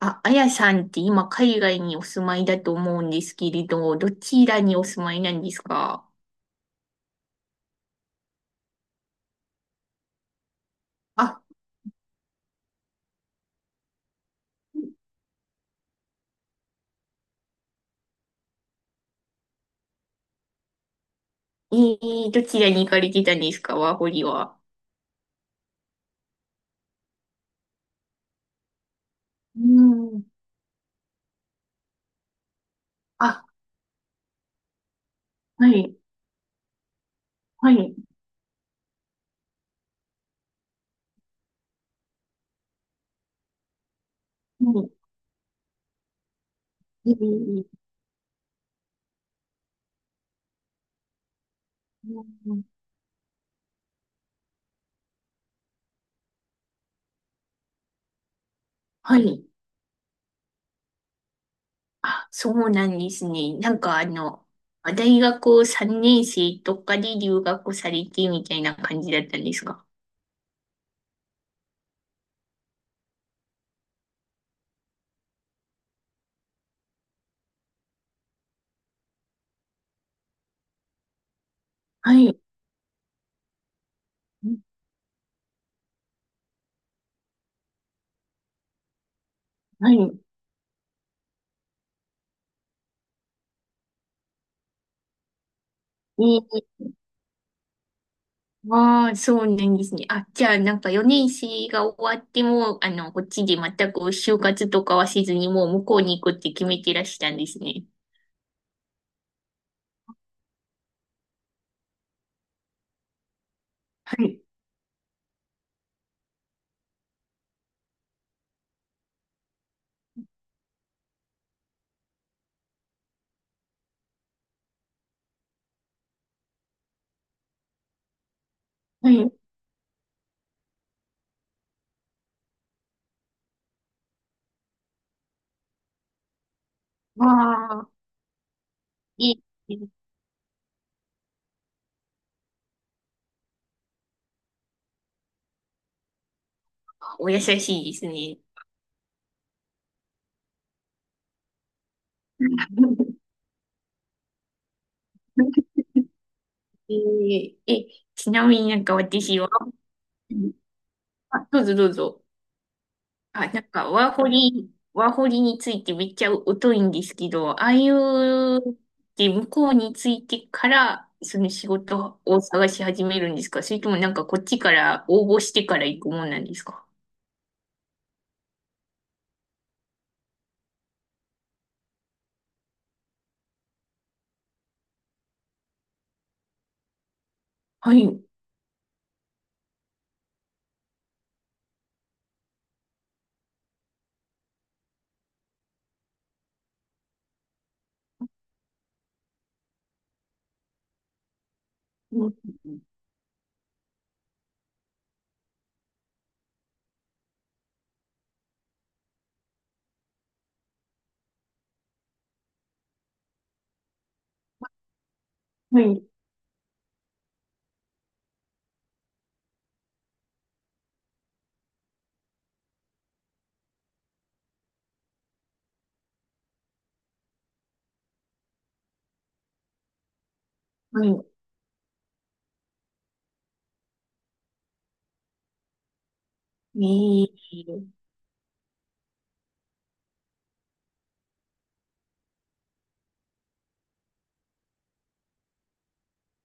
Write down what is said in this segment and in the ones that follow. あ、あやさんって今海外にお住まいだと思うんですけれど、どちらにお住まいなんですか？あ。どちらに行かれてたんですかワーホリは？うん。あ、はい、はい、はい、えー、うん、はい。あ、そうなんですね。なんか大学3年生とかで留学されてみたいな感じだったんですか？はい、はい。えーああ、そうなんですね。あ、じゃあ、なんか4年生が終わっても、こっちで全く就活とかはせずに、もう向こうに行くって決めてらしたんですね。はい。はい。わあ、いい。お優しいですね。えーえ、ちなみになんか私は、あ、どうぞどうぞ。あ、なんか、ワーホリについてめっちゃ疎いんですけど、ああいうで向こうについてから、その仕事を探し始めるんですか、それともなんかこっちから応募してから行くもんなんですか？はい。うん、はい。はい。えー。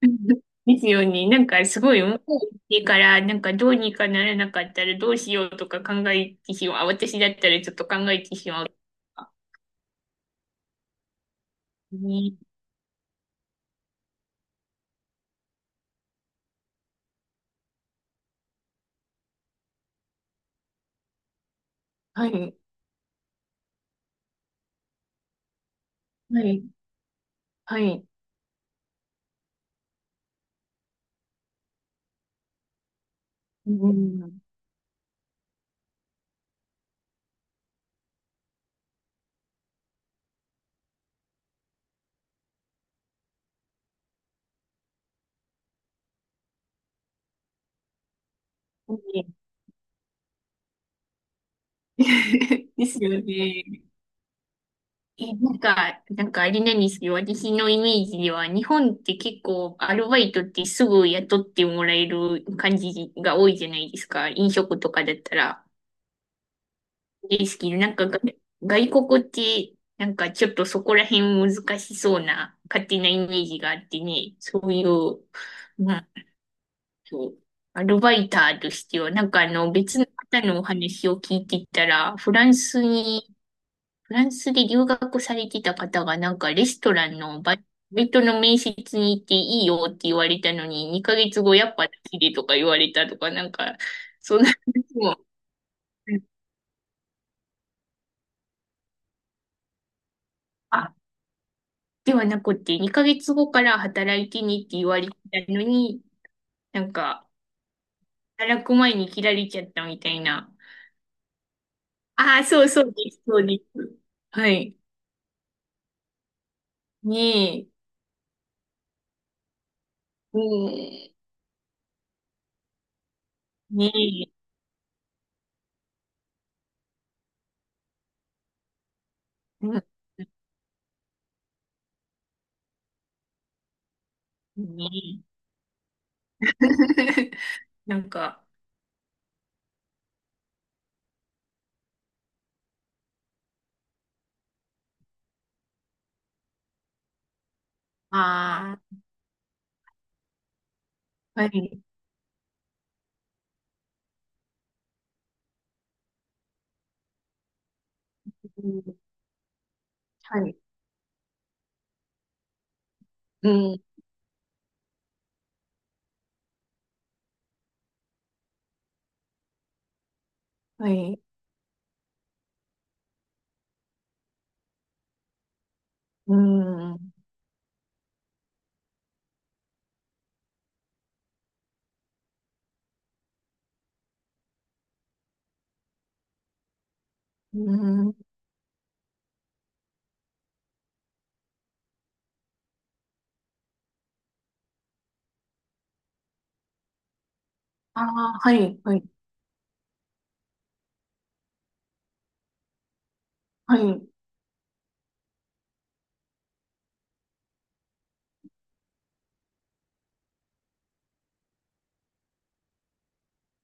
ですよね。なんかすごい向こう行ってから、なんかどうにかならなかったらどうしようとか考えてしまう。あ、私だったらちょっと考えてしまう。ね。はい。はい。はい。うん。ですよね。え、なんか、あれなんですけど、私のイメージでは、日本って結構アルバイトってすぐ雇ってもらえる感じが多いじゃないですか。飲食とかだったら。ですけど、なんかが外国って、なんかちょっとそこら辺難しそうな勝手なイメージがあってね、そういう、なんと、アルバイターとしては、なんか別の方のお話を聞いてたら、フランスで留学されてた方がなんかレストランのバイトの面接に行っていいよって言われたのに、2ヶ月後やっぱ好きでとか言われたとか、なんか、そんな話も、あ、ではなくて、2ヶ月後から働いてねって言われたのに、なんか、働く前に切られちゃったみたいな。ああ、そうそうです、そうです。はい。ねえ、うん、ねえ、うん、ねえ。なんか、ああ、はい。うん、はい。うん、はい。うん、うん。ああ、はい、はい、はい。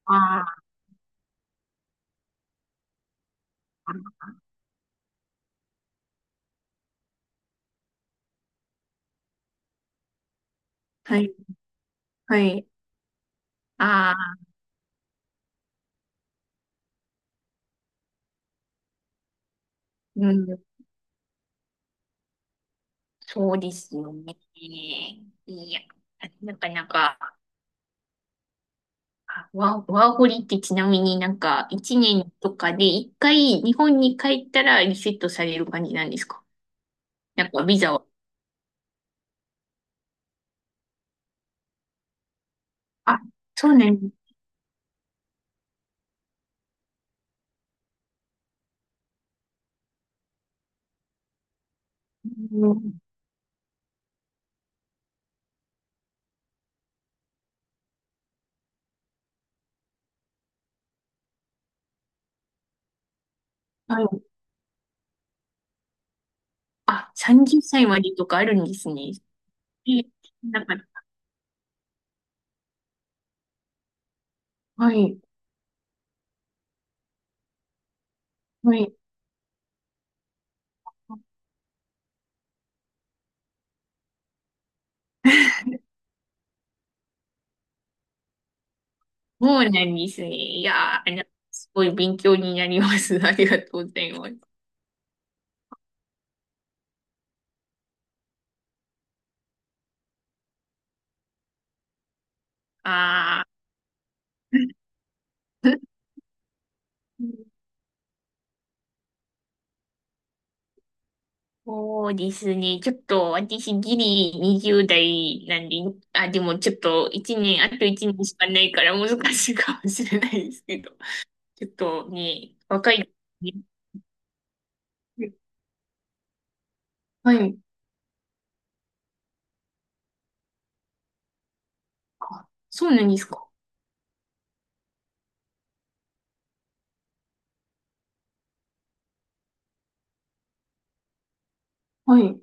ああ、はい、はい。ああ、うん、そうですよね。いや、なかなか、ワーホリってちなみになんか、一年とかで一回日本に帰ったらリセットされる感じなんですか、なんかビザは？あ、そうなんです。うん、はい。あ、30歳までとかあるんですね。え、なんか、はい。はい。そうなんですね。いやー、すごい勉強になります。ありがとうございます。あー、そうですね。ちょっと私ギリ20代なんで、あ、でもちょっと1年、あと1年しかないから難しいかもしれないですけど。ちょっとね、若い、ね。はい。あ、そうなんですか。はい。